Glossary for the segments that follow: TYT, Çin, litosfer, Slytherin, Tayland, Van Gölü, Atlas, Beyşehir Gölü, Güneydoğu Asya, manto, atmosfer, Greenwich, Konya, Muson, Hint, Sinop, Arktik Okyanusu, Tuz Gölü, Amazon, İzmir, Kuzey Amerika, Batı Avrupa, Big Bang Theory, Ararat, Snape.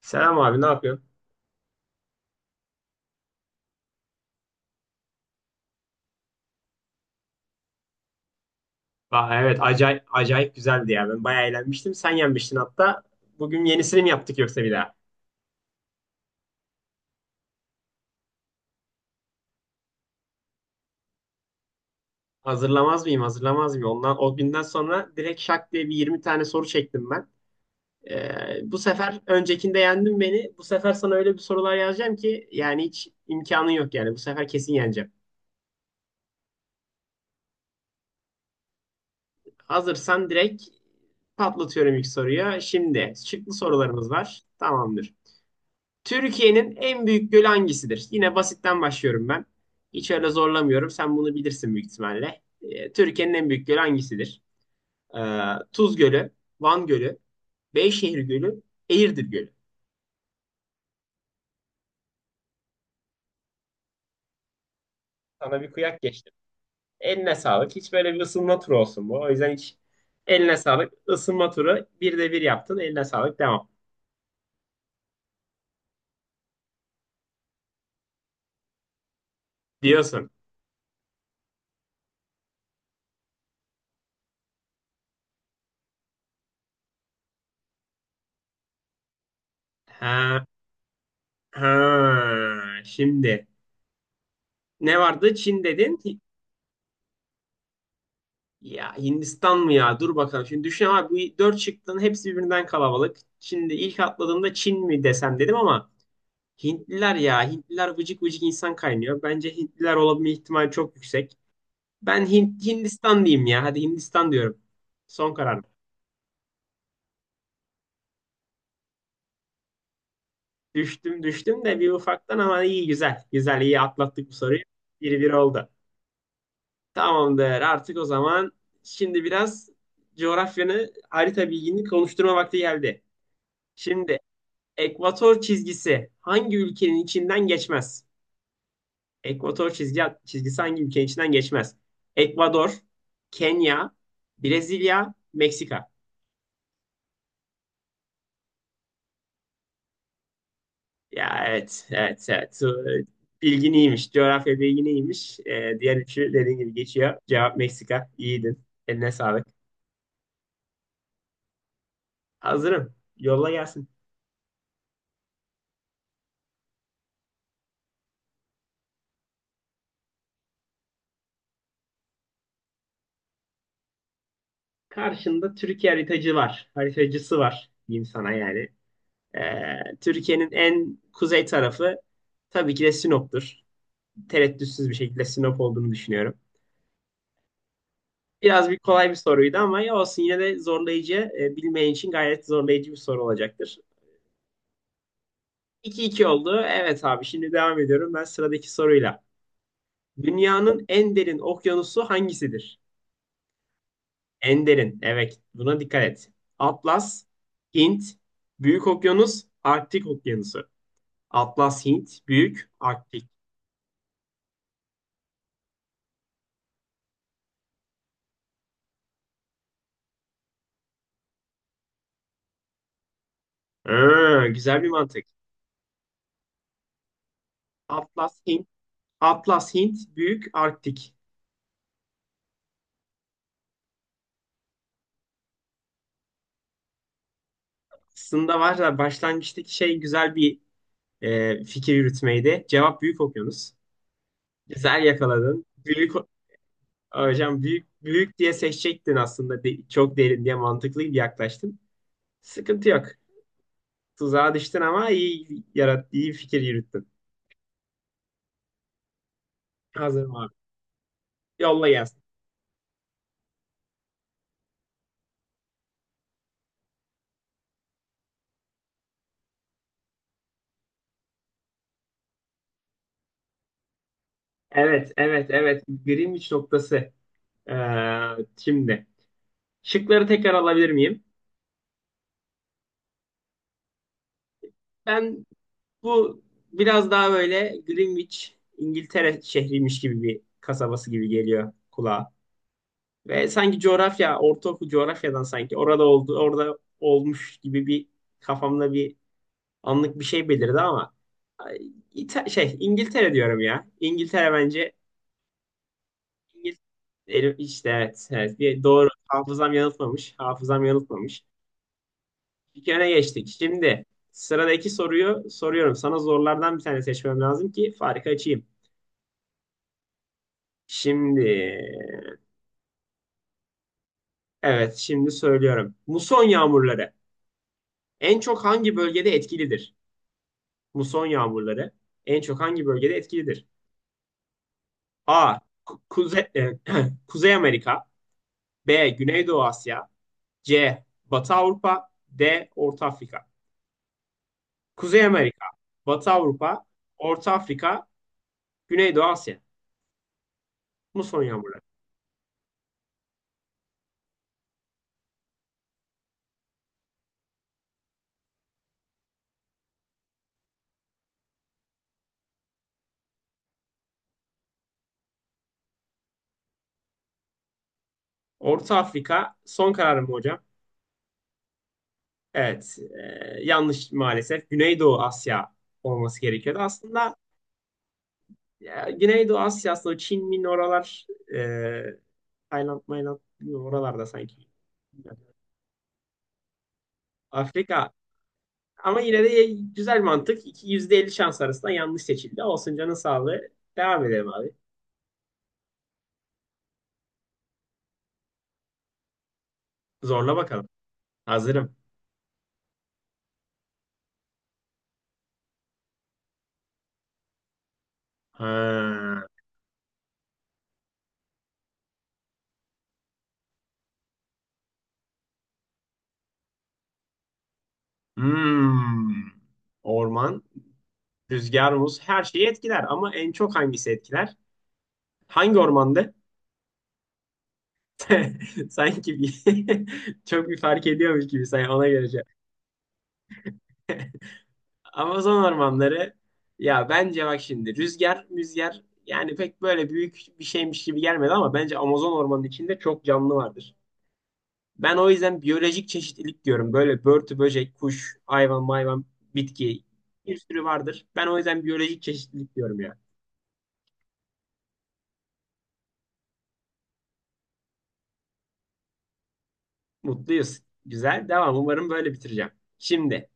Selam abi ne yapıyorsun? Aa, evet acayip, acayip güzeldi ya. Ben bayağı eğlenmiştim. Sen yenmiştin hatta. Bugün yenisini mi yaptık yoksa bir daha? Hazırlamaz mıyım? Hazırlamaz mıyım? Ondan, o günden sonra direkt şak diye bir 20 tane soru çektim ben. Bu sefer öncekinde yendin beni. Bu sefer sana öyle bir sorular yazacağım ki yani hiç imkanın yok yani. Bu sefer kesin yeneceğim. Hazırsan direkt patlatıyorum ilk soruya. Şimdi şıklı sorularımız var. Tamamdır. Türkiye'nin en büyük gölü hangisidir? Yine basitten başlıyorum ben. Hiç öyle zorlamıyorum. Sen bunu bilirsin büyük ihtimalle. Türkiye'nin en büyük gölü hangisidir? Ee, Tuz Gölü, Van Gölü, Beyşehir Gölü, Eğirdir Gölü. Sana bir kıyak geçtim. Eline sağlık. Hiç böyle bir ısınma turu olsun bu. O yüzden hiç eline sağlık. Isınma turu bir de bir yaptın. Eline sağlık. Devam. Diyorsun. Ha, ha. Şimdi ne vardı? Çin dedin. Ya Hindistan mı ya? Dur bakalım. Şimdi düşün abi bu dört şıkkın hepsi birbirinden kalabalık. Şimdi ilk atladığımda Çin mi desem dedim ama Hintliler ya. Hintliler vıcık vıcık insan kaynıyor. Bence Hintliler olabilme ihtimali çok yüksek. Ben Hint, Hindistan diyeyim ya. Hadi Hindistan diyorum. Son karar. Düştüm düştüm de bir ufaktan ama iyi güzel. Güzel iyi atlattık bu soruyu. Bir bir oldu. Tamamdır artık o zaman. Şimdi biraz coğrafyanı harita bilgini konuşturma vakti geldi. Şimdi Ekvator çizgisi hangi ülkenin içinden geçmez? Çizgisi hangi ülkenin içinden geçmez? Ekvador, Kenya, Brezilya, Meksika. Ya evet, evet, evet. Bilgin iyiymiş. Coğrafya bilgin iyiymiş. Diğer üçü dediğin gibi geçiyor. Cevap Meksika. İyiydin. Eline sağlık. Hazırım. Yolla gelsin. Karşında Türkiye haritacı var. Haritacısı var diyeyim sana yani. Türkiye'nin en kuzey tarafı tabii ki de Sinop'tur. Tereddütsüz bir şekilde Sinop olduğunu düşünüyorum. Biraz kolay bir soruydu ama ya olsun yine de zorlayıcı, bilmeyen için gayet zorlayıcı bir soru olacaktır. 2 iki oldu. Evet abi şimdi devam ediyorum ben sıradaki soruyla. Dünyanın en derin okyanusu hangisidir? En derin. Evet buna dikkat et. Atlas, Hint, Büyük Okyanus, Arktik Okyanusu. Atlas, Hint, Büyük, Arktik. Ha, güzel bir mantık. Atlas, Hint, Atlas, Hint, Büyük, Arktik. Aslında var da başlangıçtaki şey güzel bir fikir yürütmeydi. Cevap büyük okyanus. Güzel yakaladın. Hocam büyük büyük diye seçecektin aslında. Çok derin diye mantıklı bir yaklaştın. Sıkıntı yok. Tuzağa düştün ama iyi yarat iyi fikir yürüttün. Hazırım abi. Yolla gelsin. Evet, evet, evet. Greenwich noktası. Şimdi şıkları tekrar alabilir miyim? Ben Bu biraz daha böyle Greenwich, İngiltere şehriymiş gibi bir kasabası gibi geliyor kulağa. Ve sanki coğrafya, ortaokul coğrafyadan sanki orada oldu, orada olmuş gibi bir kafamda bir anlık bir şey belirdi ama ay, İngiltere diyorum ya. İngiltere bence İngiltere işte evet, evet bir doğru hafızam yanıltmamış. Hafızam yanıltmamış. İlk öne geçtik. Şimdi sıradaki soruyu soruyorum. Sana zorlardan bir tane seçmem lazım ki farkı açayım. Şimdi evet şimdi söylüyorum. Muson yağmurları en çok hangi bölgede etkilidir? Muson yağmurları en çok hangi bölgede etkilidir? A. Kuzey, Kuzey Amerika. B. Güneydoğu Asya. C. Batı Avrupa. D. Orta Afrika. Kuzey Amerika, Batı Avrupa, Orta Afrika, Güneydoğu Asya. Muson yağmurları. Orta Afrika son kararım mı hocam? Evet, yanlış maalesef. Güneydoğu Asya olması gerekiyordu. Aslında ya, Güneydoğu Asya'sı o Çin, Min oralar e, Tayland, Mayland bilmiyorum, oralarda sanki. Afrika. Ama yine de güzel mantık. %50 şans arasında yanlış seçildi. Olsun canın sağlığı. Devam edelim abi. Zorla bakalım. Hazırım. Ha. Hmm. Orman, rüzgar, muz her şeyi etkiler. Ama en çok hangisi etkiler? Hangi ormandı? Sanki bir, çok bir fark ediyormuş gibi. Sen ona göre. Amazon ormanları ya bence bak şimdi rüzgar müzgar yani pek böyle büyük bir şeymiş gibi gelmedi ama bence Amazon ormanının içinde çok canlı vardır. Ben o yüzden biyolojik çeşitlilik diyorum. Böyle börtü, böcek, kuş, hayvan, mayvan, bitki bir sürü vardır. Ben o yüzden biyolojik çeşitlilik diyorum ya. Mutluyuz. Güzel. Devam. Umarım böyle bitireceğim. Şimdi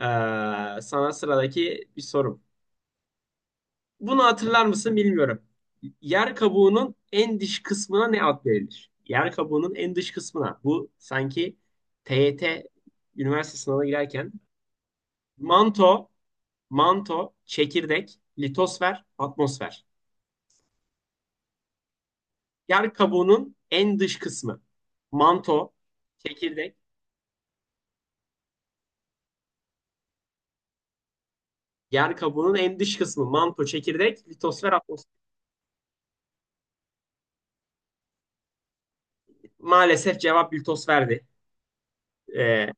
sana sıradaki bir sorum. Bunu hatırlar mısın bilmiyorum. Yer kabuğunun en dış kısmına ne ad verilir? Yer kabuğunun en dış kısmına. Bu sanki TYT üniversite sınavına girerken manto, manto, çekirdek, litosfer, atmosfer. Yer kabuğunun en dış kısmı. Manto, çekirdek, yer kabuğunun en dış kısmı. Manto, çekirdek, litosfer, atmosfer. Maalesef cevap litosferdi. Ee,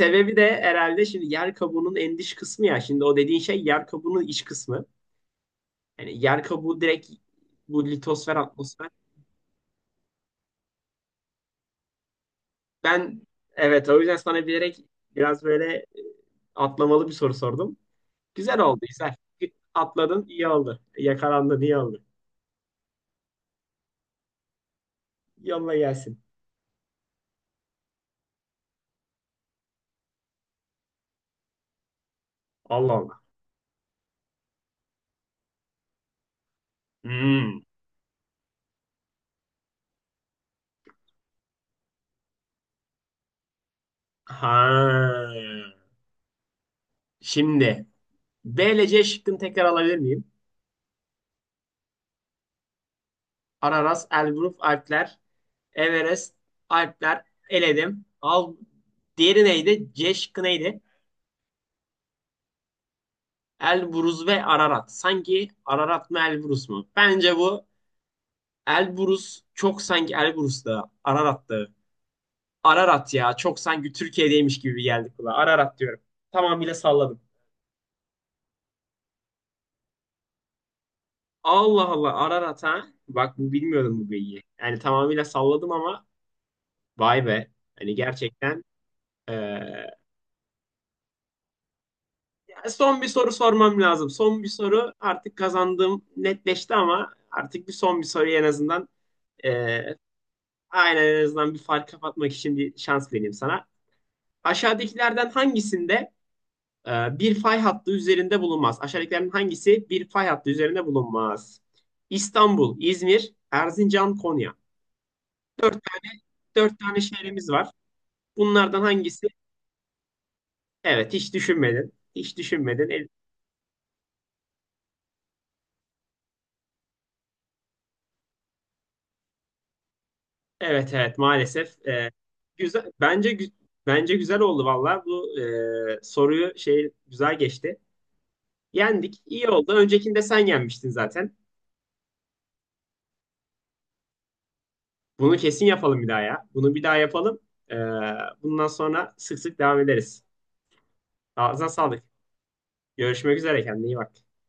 Sebebi de herhalde şimdi yer kabuğunun en dış kısmı ya. Şimdi o dediğin şey yer kabuğunun iç kısmı. Yani yer kabuğu direkt bu litosfer atmosfer. Ben evet o yüzden sana bilerek biraz böyle atlamalı bir soru sordum. Güzel oldu güzel. Atladın iyi oldu. Yakalandın iyi oldu. Yolla gelsin. Allah Allah. Hmm. Ha. Şimdi B ile C şıkkını tekrar alabilir miyim? Araras, Elbruf, Alpler, Everest, Alpler, eledim. Al, diğeri neydi? Ceşk neydi? Elbrus ve Ararat. Sanki Ararat mı Elbrus mu? Bence bu Elbrus çok sanki Elbrus da Ararat da. Ararat ya çok sanki Türkiye'deymiş gibi geldik kulağa. Ararat diyorum. Tamamıyla salladım. Allah Allah Ararat ha. Bak bu bilmiyordum bu bilgiyi. Yani tamamıyla salladım ama vay be. Hani gerçekten eee son bir soru sormam lazım. Son bir soru artık kazandığım netleşti ama artık bir son bir soruyu en azından e, aynen en azından bir fark kapatmak için bir şans vereyim sana. Aşağıdakilerden hangisinde bir fay hattı üzerinde bulunmaz? Aşağıdakilerden hangisi bir fay hattı üzerinde bulunmaz? İstanbul, İzmir, Erzincan, Konya. Dört, dört tane şehrimiz var. Bunlardan hangisi? Evet hiç düşünmedin. Hiç düşünmedin. El- Evet evet maalesef güzel bence bence güzel oldu valla bu soruyu şey güzel geçti. Yendik iyi oldu. Öncekinde sen yenmiştin zaten. Bunu kesin yapalım bir daha ya. Bunu bir daha yapalım. E, Bundan sonra sık sık devam ederiz. Ağzına sağlık. Görüşmek üzere kendine iyi bak.